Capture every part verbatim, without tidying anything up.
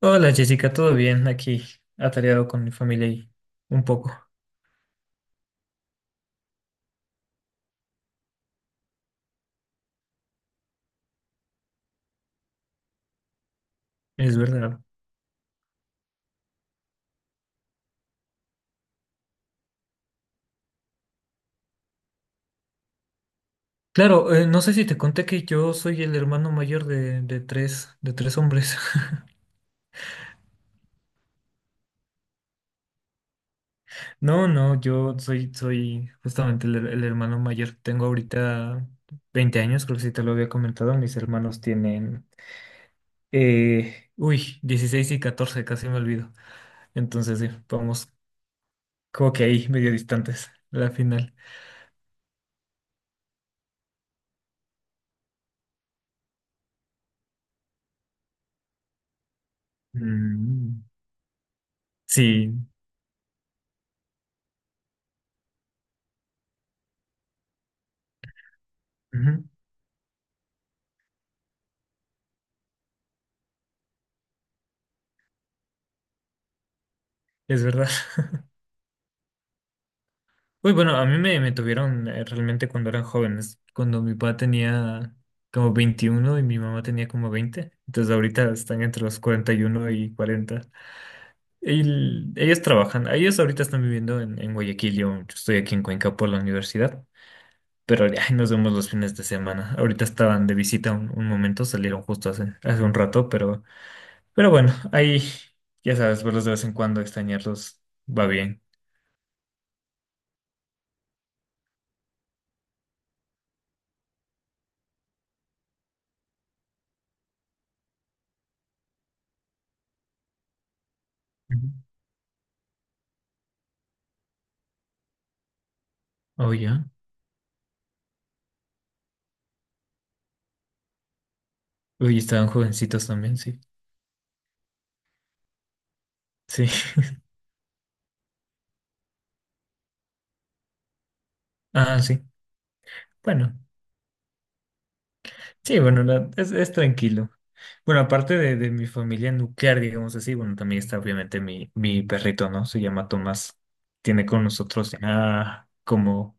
Hola Jessica, ¿todo bien? Aquí atareado con mi familia y un poco, es verdad. Claro, eh, no sé si te conté que yo soy el hermano mayor de, de tres, de tres hombres. No, no, yo soy, soy justamente el, el hermano mayor. Tengo ahorita veinte años, creo que sí te lo había comentado. Mis hermanos tienen, eh, uy, dieciséis y catorce, casi me olvido. Entonces, sí, vamos como que ahí, medio distantes, la final. Mm, sí, ujú, es verdad. Uy, bueno, a mí me, me tuvieron eh, realmente cuando eran jóvenes, cuando mi papá tenía como veintiuno y mi mamá tenía como veinte, entonces ahorita están entre los cuarenta y cuarenta. Y cuarenta. Y l- ellos trabajan, ellos ahorita están viviendo en, en Guayaquil. yo, yo estoy aquí en Cuenca por la universidad, pero ay, nos vemos los fines de semana. Ahorita estaban de visita un, un momento, salieron justo hace, hace un rato, pero, pero bueno, ahí ya sabes, verlos de vez en cuando, extrañarlos va bien. Ujú. Oh, ya. Uy, estaban jovencitos también, sí. Sí, ah, sí. Bueno, sí, bueno, la- es, es tranquilo. Bueno, aparte de, de mi familia nuclear, digamos así, bueno, también está obviamente mi, mi perrito, ¿no? Se llama Tomás. Tiene con nosotros ya como,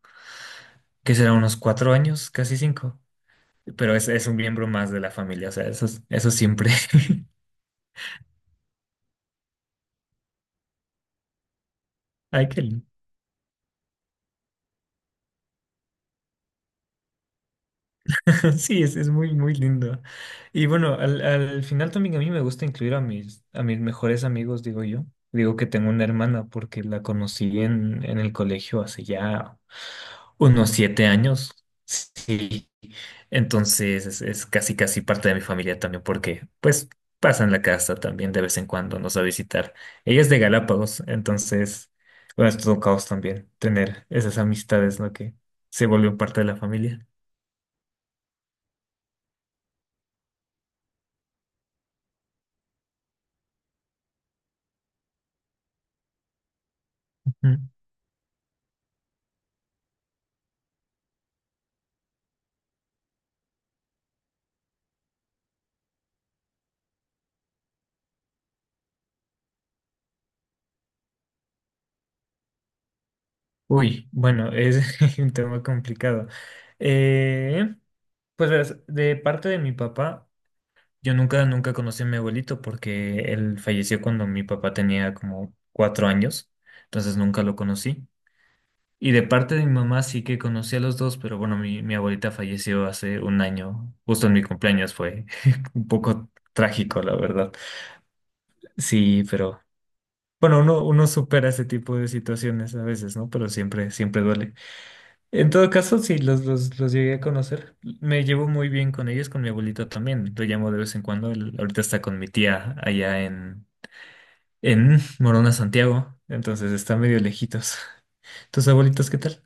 ¿qué será? Unos cuatro años, casi cinco. Pero es, es un miembro más de la familia, o sea, eso, es- eso siempre. Ay, qué lindo. Sí, es, es muy, muy lindo. Y bueno, al, al final también a mí me gusta incluir a mis, a mis mejores amigos, digo yo. Digo que tengo una hermana porque la conocí en, en el colegio hace ya unos siete años. Sí. Entonces es, es casi, casi parte de mi familia también, porque pues pasan la casa también de vez en cuando, nos va a visitar. Ella es de Galápagos, entonces, bueno, es todo un caos también tener esas amistades, ¿no? Que se volvió parte de la familia. Uy, bueno, es un tema complicado. Eh, pues verás, de parte de mi papá, yo nunca, nunca conocí a mi abuelito porque él falleció cuando mi papá tenía como cuatro años, entonces nunca lo conocí. Y de parte de mi mamá sí que conocí a los dos, pero bueno, mi, mi abuelita falleció hace un año, justo en mi cumpleaños, fue un poco trágico, la verdad. Sí, pero bueno, uno, uno supera ese tipo de situaciones a veces, ¿no? Pero siempre, siempre duele. En todo caso, sí, los, los, los llegué a conocer. Me llevo muy bien con ellos, con mi abuelito también. Lo llamo de vez en cuando. Él ahorita está con mi tía allá en, en Morona, Santiago. Entonces están medio lejitos. ¿Tus abuelitos qué tal?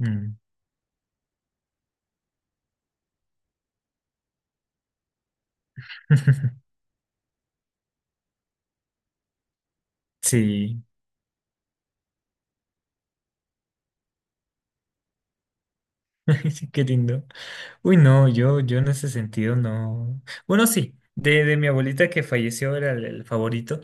Mm. Sí, sí, qué lindo. Uy, no, yo, yo en ese sentido no. Bueno, sí, de, de mi abuelita que falleció era el, el favorito.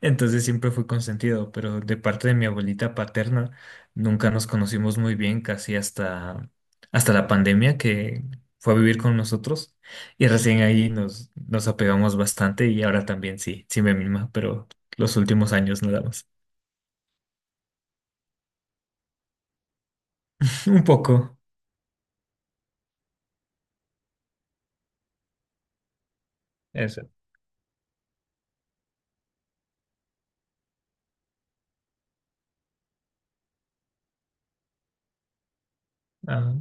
Entonces siempre fui consentido, pero de parte de mi abuelita paterna nunca nos conocimos muy bien, casi hasta, hasta la pandemia que fue a vivir con nosotros y recién ahí nos, nos apegamos bastante y ahora también sí, sí me mima, pero los últimos años nada más. Un poco. Eso. Ah,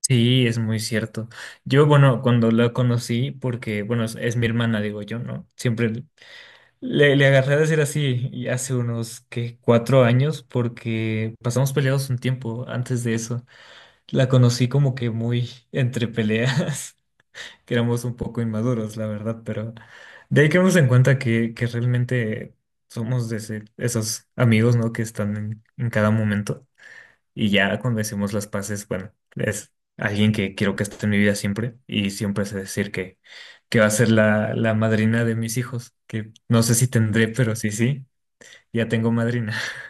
sí, es muy cierto. Yo, bueno, cuando la conocí, porque, bueno, es, es mi hermana, digo yo, ¿no? Siempre le, le agarré a decir así, y hace unos, que cuatro años, porque pasamos peleados un tiempo antes de eso. La conocí como que muy entre peleas, que éramos un poco inmaduros, la verdad, pero de ahí quedamos en cuenta que, que realmente somos de ese- esos amigos, ¿no? Que están en, en cada momento. Y ya cuando hicimos las paces, bueno, es alguien que quiero que esté en mi vida siempre, y siempre sé decir que, que va a ser la, la madrina de mis hijos, que no sé si tendré, pero sí, sí, ya tengo madrina.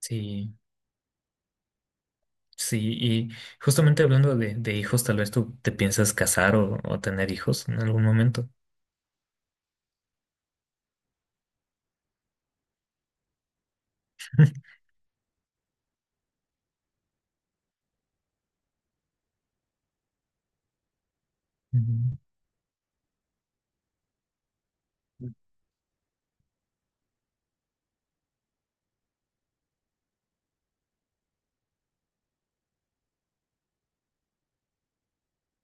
Sí, sí, y justamente hablando de, de hijos, tal vez tú te piensas casar o, o tener hijos en algún momento. Mm,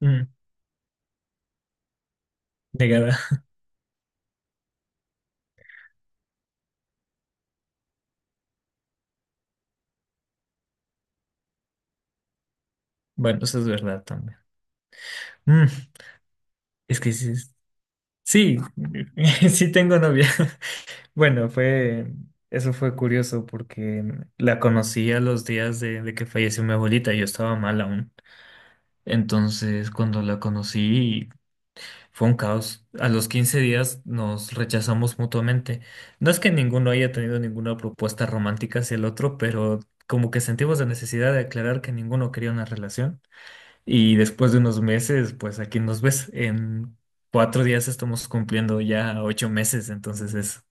mm, negada. Bueno, eso es verdad también. Mm, es que sí, es- sí, sí tengo novia. Bueno, fue, eso fue curioso porque la conocí a los días de, de que falleció mi abuelita, yo estaba mal aún. Entonces, cuando la conocí, fue un caos. A los quince días nos rechazamos mutuamente. No es que ninguno haya tenido ninguna propuesta romántica hacia el otro, pero como que sentimos la necesidad de aclarar que ninguno quería una relación. Y después de unos meses, pues aquí nos ves. En cuatro días estamos cumpliendo ya ocho meses, entonces es,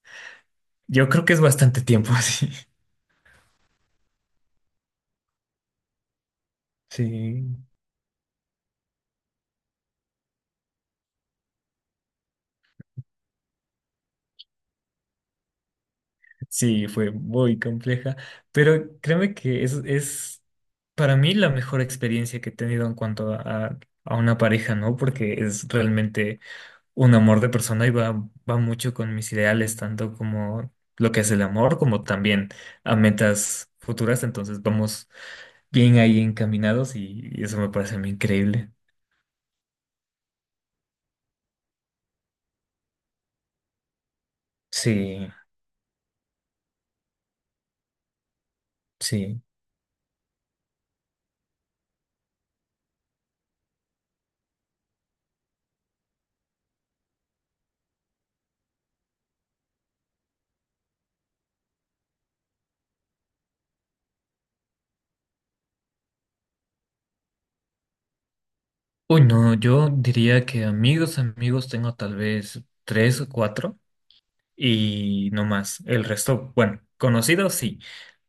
yo creo que es bastante tiempo, sí. Sí. Sí, fue muy compleja, pero créeme que es, es para mí la mejor experiencia que he tenido en cuanto a, a a una pareja, ¿no? Porque es realmente un amor de persona y va, va mucho con mis ideales, tanto como lo que es el amor, como también a metas futuras, entonces vamos bien ahí encaminados, y, y eso me parece a mí increíble. Sí, sí. Uy, no, yo diría que amigos, amigos tengo tal vez tres o cuatro y no más. El resto, bueno, conocidos sí,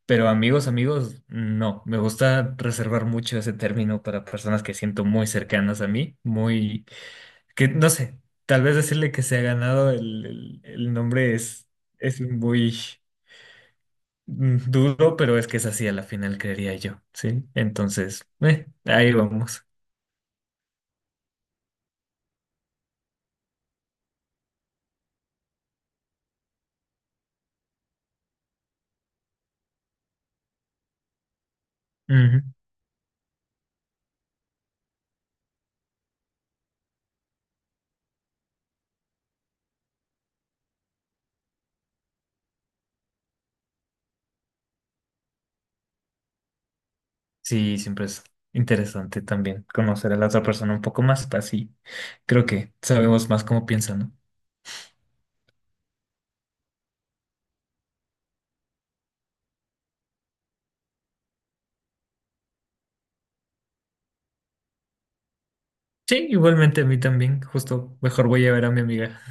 pero amigos, amigos no. Me gusta reservar mucho ese término para personas que siento muy cercanas a mí, muy, que no sé, tal vez decirle que se ha ganado el, el- el nombre es, es muy mm, duro, pero es que es así a la final, creería yo, ¿sí? Entonces, eh, ahí vamos. Sí, siempre es interesante también conocer a la otra persona un poco más, así creo que sabemos más cómo piensa, ¿no? Sí, igualmente a mí también, justo mejor voy a ver a mi amiga.